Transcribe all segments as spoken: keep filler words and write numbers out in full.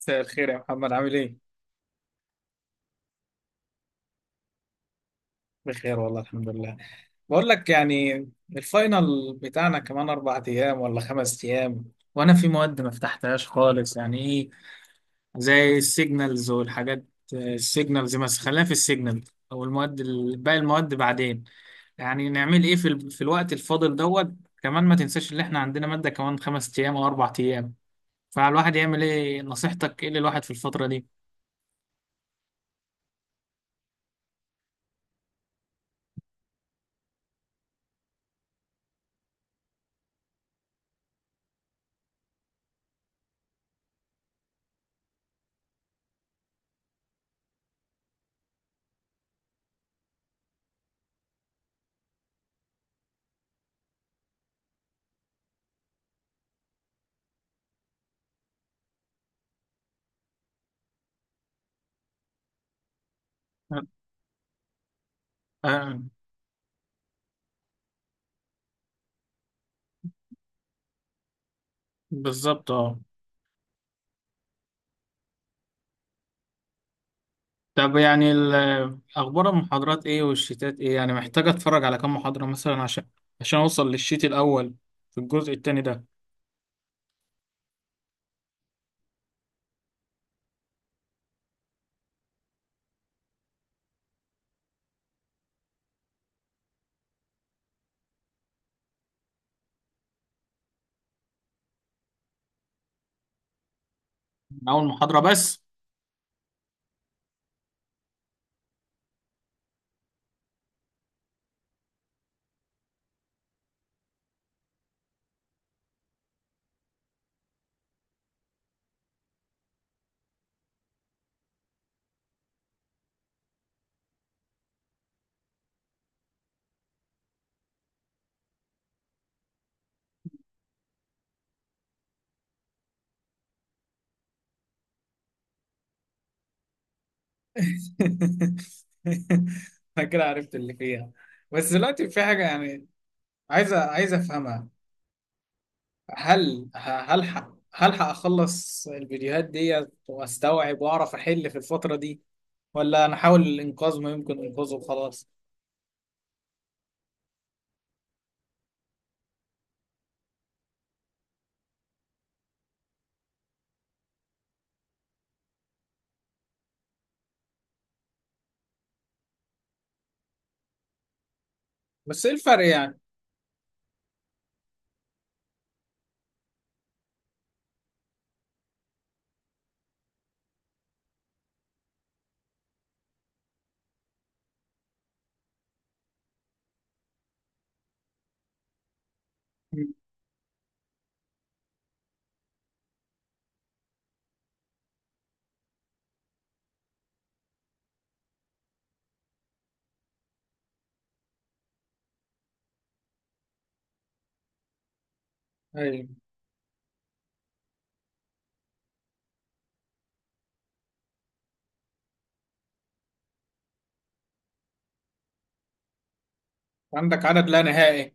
مساء الخير يا محمد، عامل ايه؟ بخير والله الحمد لله. بقول لك يعني، الفاينل بتاعنا كمان اربع ايام ولا خمس ايام، وانا في مواد ما فتحتهاش خالص، يعني ايه؟ زي السيجنالز والحاجات. السيجنالز، بس خلينا في السيجنال او المواد ال- باقي المواد بعدين. يعني نعمل ايه في, ال... في الوقت الفاضل دوت؟ كمان ما تنساش ان احنا عندنا مادة كمان خمس ايام او اربع ايام. فالواحد يعمل ايه؟ نصيحتك ايه للواحد في الفترة دي؟ أه. أه. بالظبط، اه. طب يعني ال- اخبار المحاضرات ايه والشيتات ايه؟ يعني محتاج اتفرج على كام محاضرة مثلا عشان عشان اوصل للشيت الاول في الجزء التاني ده. من اول محاضرة بس؟ انا كده عرفت اللي فيها. بس دلوقتي في حاجة يعني عايزة عايزة افهمها. هل هلحق هلحق اخلص الفيديوهات دي واستوعب واعرف احل في الفترة دي، ولا انا احاول الانقاذ ما يمكن انقاذه وخلاص؟ بس ايه الفرق يعني؟ مم. ايوه. عندك عدد لا نهائي.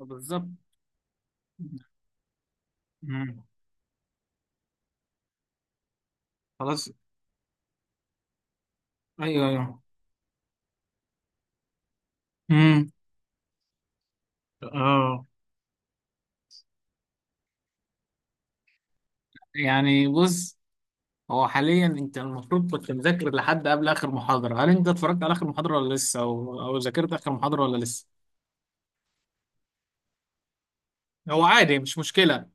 بالظبط. مم. خلاص. ايوه، ايوه. امم. اه، يعني بص، هو حاليا انت المفروض كنت مذاكر لحد قبل اخر محاضره، هل انت اتفرجت على اخر محاضره ولا لسه، او او ذاكرت اخر محاضره ولا لسه؟ هو عادي، مش مشكله.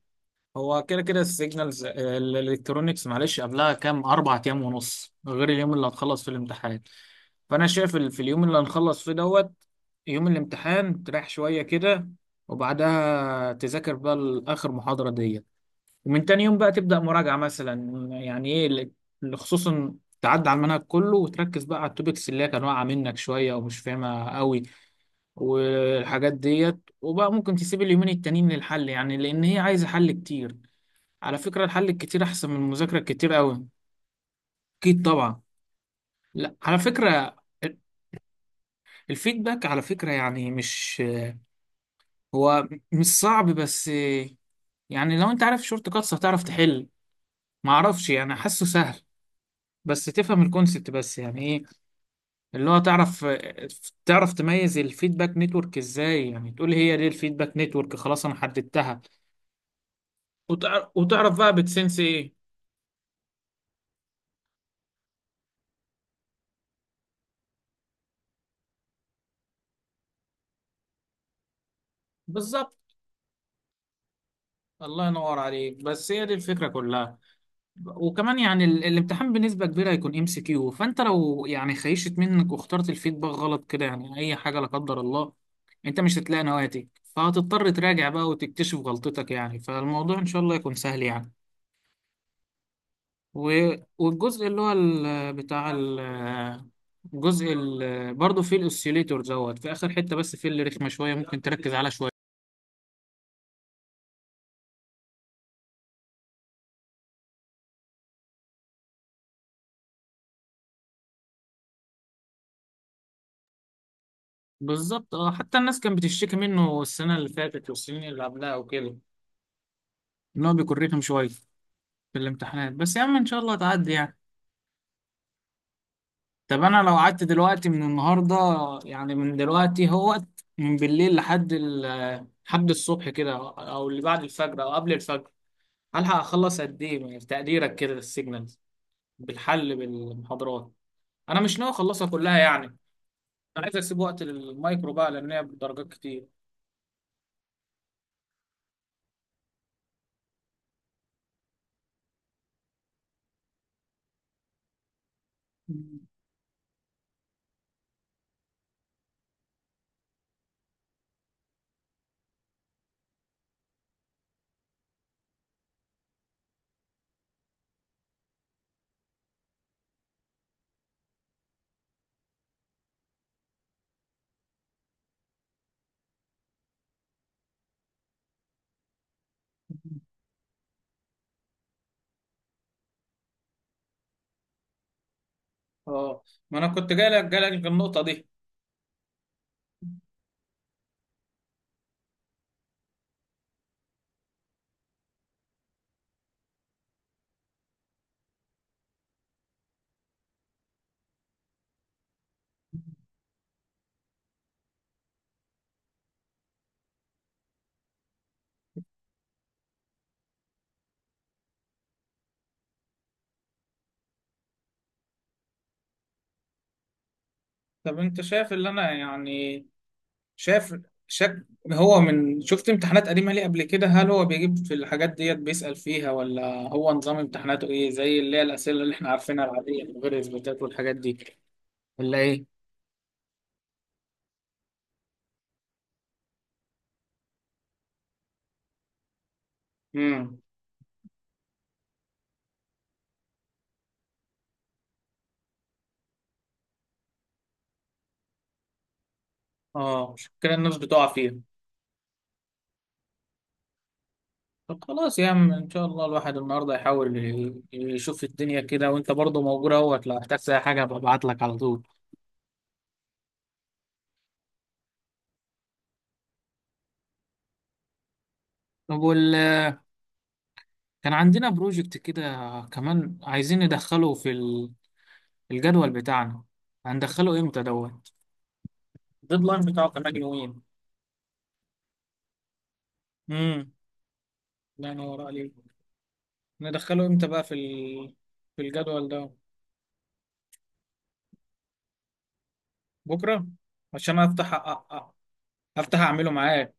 هو كده كده السيجنالز الالكترونيكس معلش قبلها كام؟ اربع ايام ونص غير اليوم اللي هتخلص فيه الامتحان. فانا شايف ال- في اليوم اللي هنخلص فيه دوت، يوم الامتحان تريح شويه كده وبعدها تذاكر بقى اخر محاضره دي، ومن تاني يوم بقى تبدأ مراجعة مثلا، يعني ايه اللي اللي خصوصا تعدي على المنهج كله وتركز بقى على التوبكس اللي هي كان واقعة منك شوية ومش فاهمها قوي والحاجات ديت، وبقى ممكن تسيب اليومين التانيين للحل يعني لأن هي عايزة حل كتير. على فكرة الحل الكتير أحسن من المذاكرة الكتير قوي. أكيد طبعا. لا، على فكرة الفيدباك على فكرة يعني مش، هو مش صعب، بس يعني لو انت عارف شورت كاتس هتعرف تحل. معرفش يعني، حاسه سهل. بس تفهم الكونسبت، بس يعني إيه؟ اللي هو تعرف تعرف تميز الفيدباك نتورك ازاي، يعني تقول هي دي الفيدباك نتورك، خلاص انا حددتها، وتعرف, وتعرف بقى بتسنس ايه. بالظبط. الله ينور عليك، بس هي دي الفكرة كلها. وكمان يعني ال- الامتحان بنسبة كبيرة هيكون ام سي كيو، فانت لو يعني خيشت منك واخترت الفيدباك غلط كده، يعني اي حاجة لا قدر الله، انت مش هتلاقي نواتج، فهتضطر تراجع بقى وتكتشف غلطتك يعني. فالموضوع ان شاء الله يكون سهل يعني. و- والجزء اللي هو ال- بتاع ال- الجزء ال- برضه فيه الاوسيليتور دوت في اخر حته، بس فيه اللي رخمه شويه ممكن تركز عليها شويه. بالظبط اه، حتى الناس كانت بتشتكي منه السنه اللي فاتت والسنين اللي قبلها وكده، ان هو بيكون رخم شويه في الامتحانات. بس يا عم ان شاء الله تعدي يعني. طب انا لو قعدت دلوقتي من النهارده، يعني من دلوقتي، هو من بالليل لحد ال- لحد الصبح كده او اللي بعد الفجر او قبل الفجر، هلحق اخلص قد ايه من تقديرك كده؟ السيجنال بالحل بالمحاضرات. انا مش ناوي اخلصها كلها يعني، انا عايز اسيب وقت للمايكرو بقى لان هي بدرجات كتير. مم. اه، ما انا كنت جاي لك جاي لك في النقطه دي. طب انت شايف اللي انا يعني شايف شك، هو من شفت امتحانات قديمه ليه قبل كده؟ هل هو بيجيب في الحاجات ديت بيسأل فيها، ولا هو نظام امتحاناته ايه زي اللي هي الاسئله اللي احنا عارفينها العاديه من غير اثباتات والحاجات دي، ولا ايه؟ امم. اه مش كده الناس بتقع فيها. طب خلاص يا عم ان شاء الله الواحد النهارده يحاول ي- يشوف الدنيا كده، وانت برضه موجود اهوت لو احتجت اي حاجه ببعت لك على طول. طب وال... كان عندنا بروجكت كده، كمان عايزين ندخله في ال- الجدول بتاعنا، هندخله امتى دوت؟ الديدلاين بتاعه كمان يومين. امم. لا نور عليك. ندخله امتى بقى في ال... في الجدول ده؟ بكره. عشان افتح أ... أ... افتح اعمله معاك.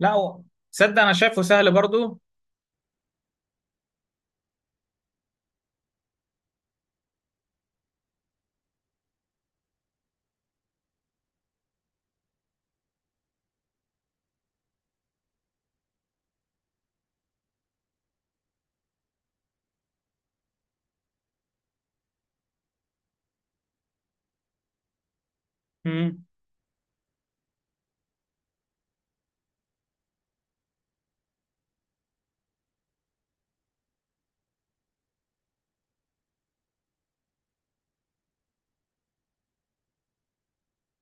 لا، هو- تصدق انا شايفه سهل برضه.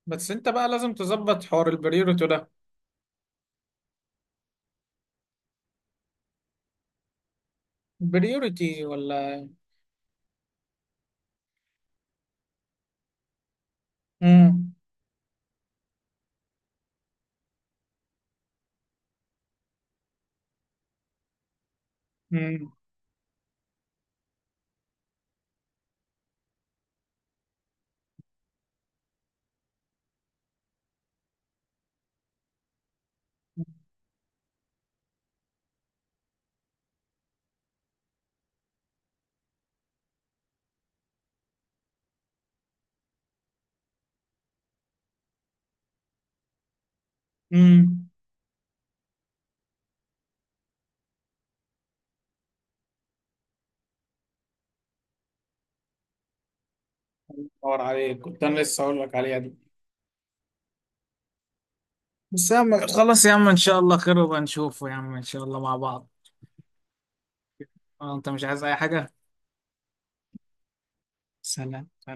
بس انت بقى لازم تظبط حوار البريوريتي ده، بريوريتي ولا؟ امم امم امم دور عليك، كنت انا لسه هقول لك عليها دي. بس يا عم خلاص، يا عم ان شاء الله خير وبنشوفه يا عم ان شاء الله مع بعض. اه انت مش عايز اي حاجة؟ سلام.